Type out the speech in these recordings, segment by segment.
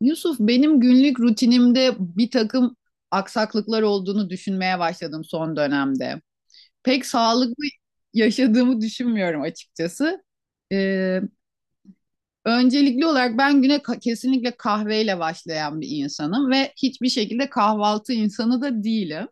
Yusuf, benim günlük rutinimde bir takım aksaklıklar olduğunu düşünmeye başladım son dönemde. Pek sağlıklı yaşadığımı düşünmüyorum açıkçası. Ee, Öncelikli olarak ben güne kesinlikle kahveyle başlayan bir insanım ve hiçbir şekilde kahvaltı insanı da değilim.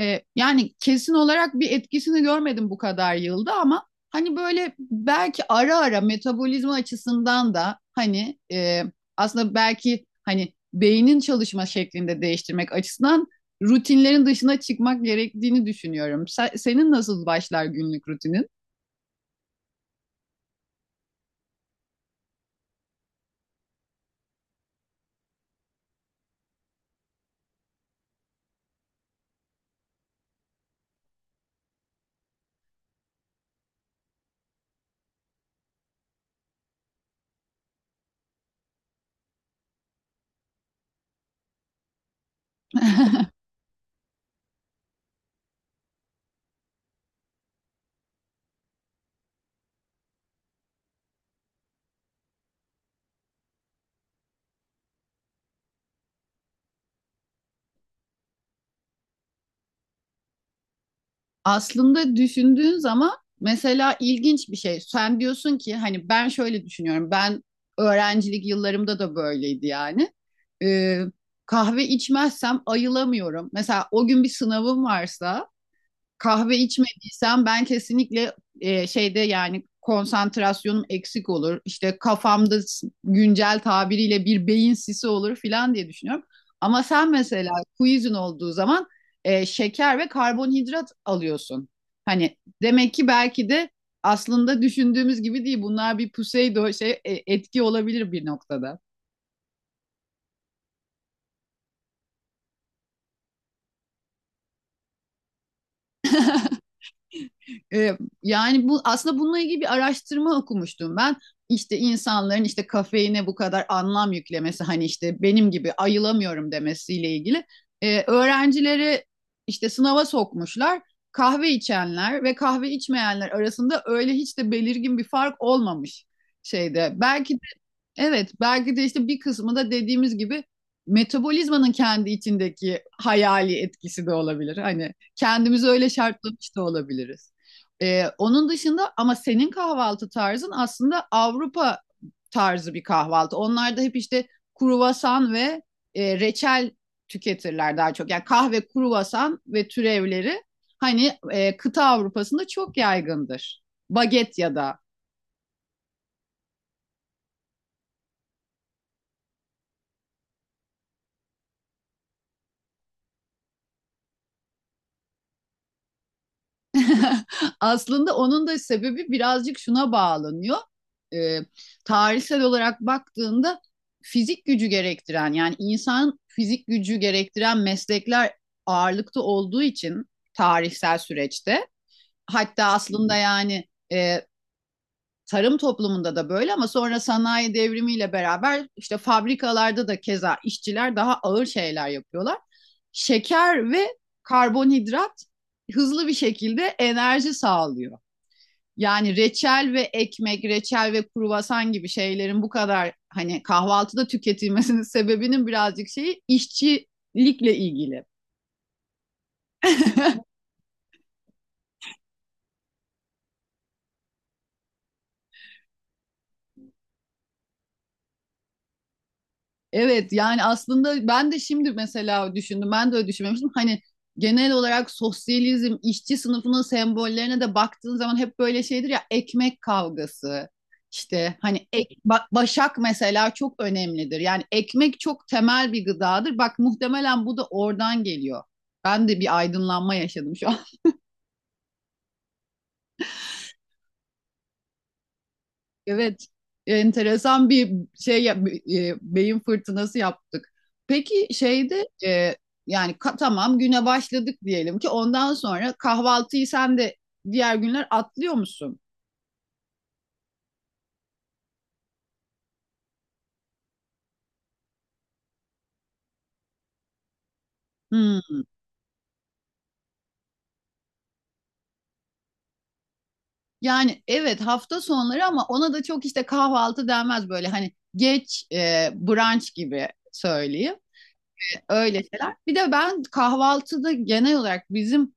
Yani kesin olarak bir etkisini görmedim bu kadar yılda ama hani böyle belki ara ara metabolizma açısından da hani aslında belki hani beynin çalışma şeklinde değiştirmek açısından rutinlerin dışına çıkmak gerektiğini düşünüyorum. Senin nasıl başlar günlük rutinin? Aslında düşündüğün zaman mesela ilginç bir şey. Sen diyorsun ki hani ben şöyle düşünüyorum. Ben öğrencilik yıllarımda da böyleydi yani. Ee, Kahve içmezsem ayılamıyorum. Mesela o gün bir sınavım varsa kahve içmediysem ben kesinlikle şeyde yani konsantrasyonum eksik olur. İşte kafamda güncel tabiriyle bir beyin sisi olur filan diye düşünüyorum. Ama sen mesela quizin olduğu zaman şeker ve karbonhidrat alıyorsun. Hani demek ki belki de aslında düşündüğümüz gibi değil. Bunlar bir pseudo şey etki olabilir bir noktada. Ee, Yani bu aslında bununla ilgili bir araştırma okumuştum ben. İşte insanların işte kafeine bu kadar anlam yüklemesi hani işte benim gibi ayılamıyorum demesiyle ilgili. Öğrencileri işte sınava sokmuşlar. Kahve içenler ve kahve içmeyenler arasında öyle hiç de belirgin bir fark olmamış şeyde. Belki... Evet, belki de işte bir kısmı da dediğimiz gibi metabolizmanın kendi içindeki hayali etkisi de olabilir. Hani kendimizi öyle şartlamış da olabiliriz. Onun dışında ama senin kahvaltı tarzın aslında Avrupa tarzı bir kahvaltı. Onlar da hep işte kruvasan ve reçel tüketirler daha çok. Yani kahve, kruvasan ve türevleri hani kıta Avrupa'sında çok yaygındır. Baget ya da... Aslında onun da sebebi birazcık şuna bağlanıyor. Ee, Tarihsel olarak baktığında fizik gücü gerektiren yani insan fizik gücü gerektiren meslekler ağırlıkta olduğu için tarihsel süreçte hatta aslında yani e, tarım toplumunda da böyle ama sonra sanayi devrimiyle beraber işte fabrikalarda da keza işçiler daha ağır şeyler yapıyorlar. Şeker ve karbonhidrat hızlı bir şekilde enerji sağlıyor. Yani reçel ve ekmek, reçel ve kruvasan gibi şeylerin bu kadar hani kahvaltıda tüketilmesinin sebebinin birazcık şeyi işçilikle ilgili. Evet yani aslında ben de şimdi mesela düşündüm. Ben de öyle düşünmemiştim. Hani genel olarak sosyalizm, işçi sınıfının sembollerine de baktığın zaman hep böyle şeydir ya ekmek kavgası. İşte hani başak mesela çok önemlidir. Yani ekmek çok temel bir gıdadır. Bak muhtemelen bu da oradan geliyor. Ben de bir aydınlanma yaşadım şu... Evet, enteresan bir şey beyin fırtınası yaptık. Peki şeyde yani tamam güne başladık diyelim ki ondan sonra kahvaltıyı sen de diğer günler atlıyor musun? Hmm. Yani evet hafta sonları ama ona da çok işte kahvaltı denmez böyle hani geç brunch gibi söyleyeyim. Öyle şeyler. Bir de ben kahvaltıda genel olarak bizim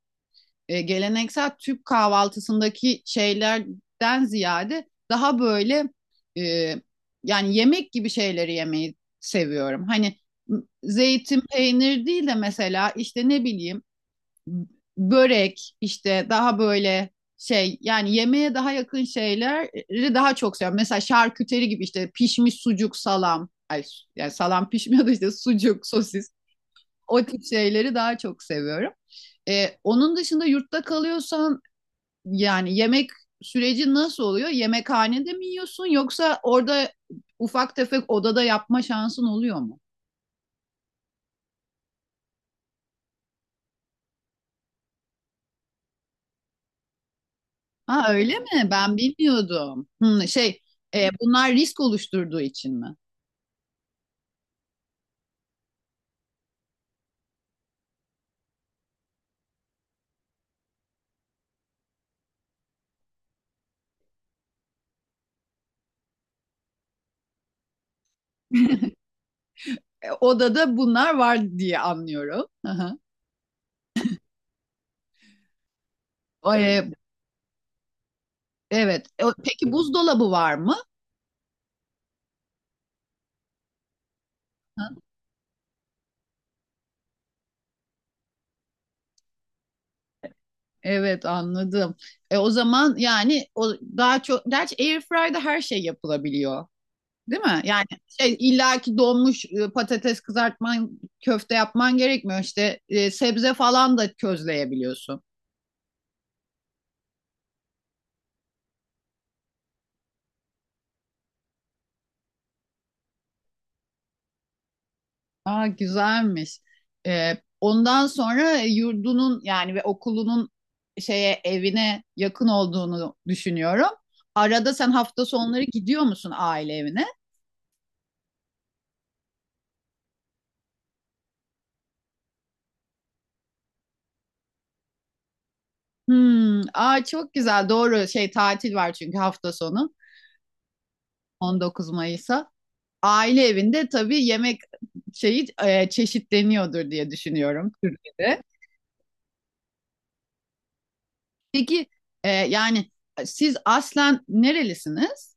geleneksel Türk kahvaltısındaki şeylerden ziyade daha böyle e, yani yemek gibi şeyleri yemeyi seviyorum. Hani zeytin peynir değil de mesela işte ne bileyim börek işte daha böyle şey yani yemeğe daha yakın şeyleri daha çok seviyorum. Mesela şarküteri gibi işte pişmiş sucuk salam. Ay, yani salam pişmiyor da işte sucuk, sosis o tip şeyleri daha çok seviyorum. Onun dışında yurtta kalıyorsan yani yemek süreci nasıl oluyor? Yemekhanede mi yiyorsun yoksa orada ufak tefek odada yapma şansın oluyor mu? Ha öyle mi? Ben bilmiyordum. Hmm, şey bunlar risk oluşturduğu için mi? Odada bunlar var diye anlıyorum. Hı hı. O, evet. Peki buzdolabı var mı? Hı. Evet anladım. O zaman yani o daha çok gerçi airfryer'da her şey yapılabiliyor. Değil mi? Yani şey, illaki donmuş patates kızartman, köfte yapman gerekmiyor. İşte sebze falan da közleyebiliyorsun. Aa güzelmiş. E, Ondan sonra yurdunun yani ve okulunun şeye evine yakın olduğunu düşünüyorum. Arada sen hafta sonları gidiyor musun aile evine? Hmm, aa çok güzel. Doğru şey tatil var çünkü hafta sonu 19 Mayıs. Aile evinde tabii yemek şeyi çeşitleniyordur diye düşünüyorum Türkiye'de. Peki yani siz aslen nerelisiniz?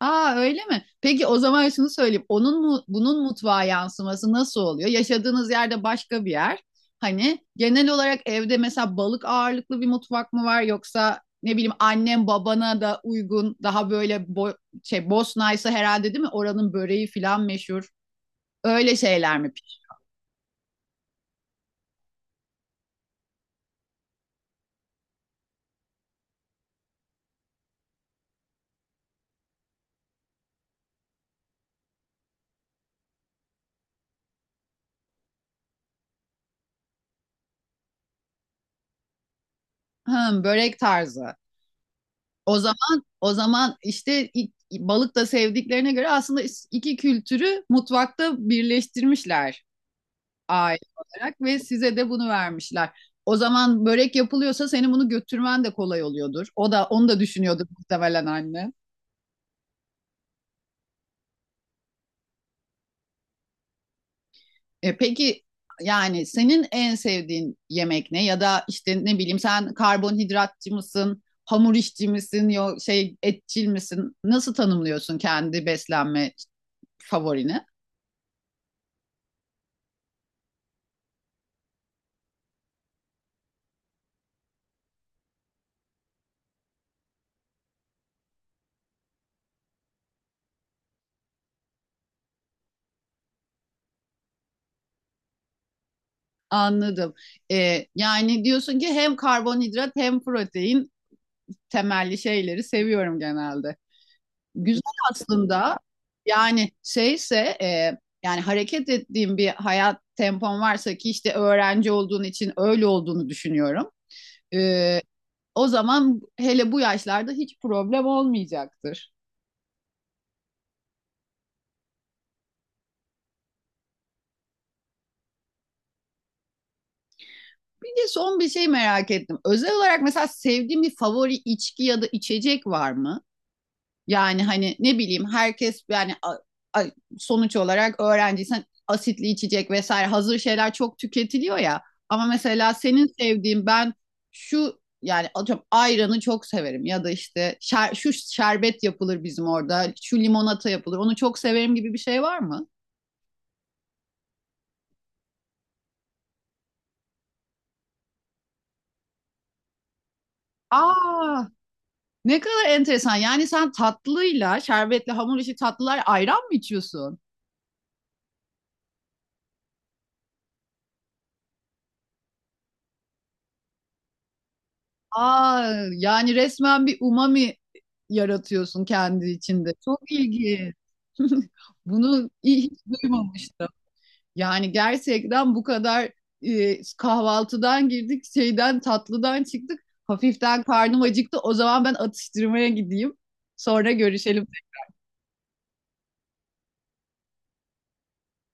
Aa öyle mi? Peki o zaman şunu söyleyeyim. Onun mu, bunun mutfağa yansıması nasıl oluyor? Yaşadığınız yerde başka bir yer. Hani genel olarak evde mesela balık ağırlıklı bir mutfak mı var yoksa ne bileyim annem babana da uygun daha böyle şey Bosna herhalde değil mi? Oranın böreği falan meşhur. Öyle şeyler mi pişiyor? Hım, börek tarzı. O zaman o zaman işte balık da sevdiklerine göre aslında iki kültürü mutfakta birleştirmişler. Aile olarak ve size de bunu vermişler. O zaman börek yapılıyorsa senin bunu götürmen de kolay oluyordur. O da onu da düşünüyordur muhtemelen anne. Peki yani senin en sevdiğin yemek ne? Ya da işte ne bileyim sen karbonhidratçı mısın? Hamur işçi misin? Yo, şey etçil misin? Nasıl tanımlıyorsun kendi beslenme favorini? Anladım. Yani diyorsun ki hem karbonhidrat hem protein temelli şeyleri seviyorum genelde. Güzel aslında. Yani şeyse e, yani hareket ettiğim bir hayat tempom varsa ki işte öğrenci olduğun için öyle olduğunu düşünüyorum. E, O zaman hele bu yaşlarda hiç problem olmayacaktır. Bir de son bir şey merak ettim. Özel olarak mesela sevdiğin bir favori içki ya da içecek var mı? Yani hani ne bileyim herkes yani a- sonuç olarak öğrenciysen asitli içecek vesaire hazır şeyler çok tüketiliyor ya. Ama mesela senin sevdiğin ben şu yani atıyorum ayranı çok severim ya da işte şu şerbet yapılır bizim orada, şu limonata yapılır. Onu çok severim gibi bir şey var mı? Aa, ne kadar enteresan. Yani sen tatlıyla, şerbetle hamur işi tatlılar ayran mı içiyorsun? Aa, yani resmen bir umami yaratıyorsun kendi içinde. Çok ilginç. Bunu hiç duymamıştım. Yani gerçekten bu kadar kahvaltıdan girdik, şeyden tatlıdan çıktık. Hafiften karnım acıktı. O zaman ben atıştırmaya gideyim. Sonra görüşelim.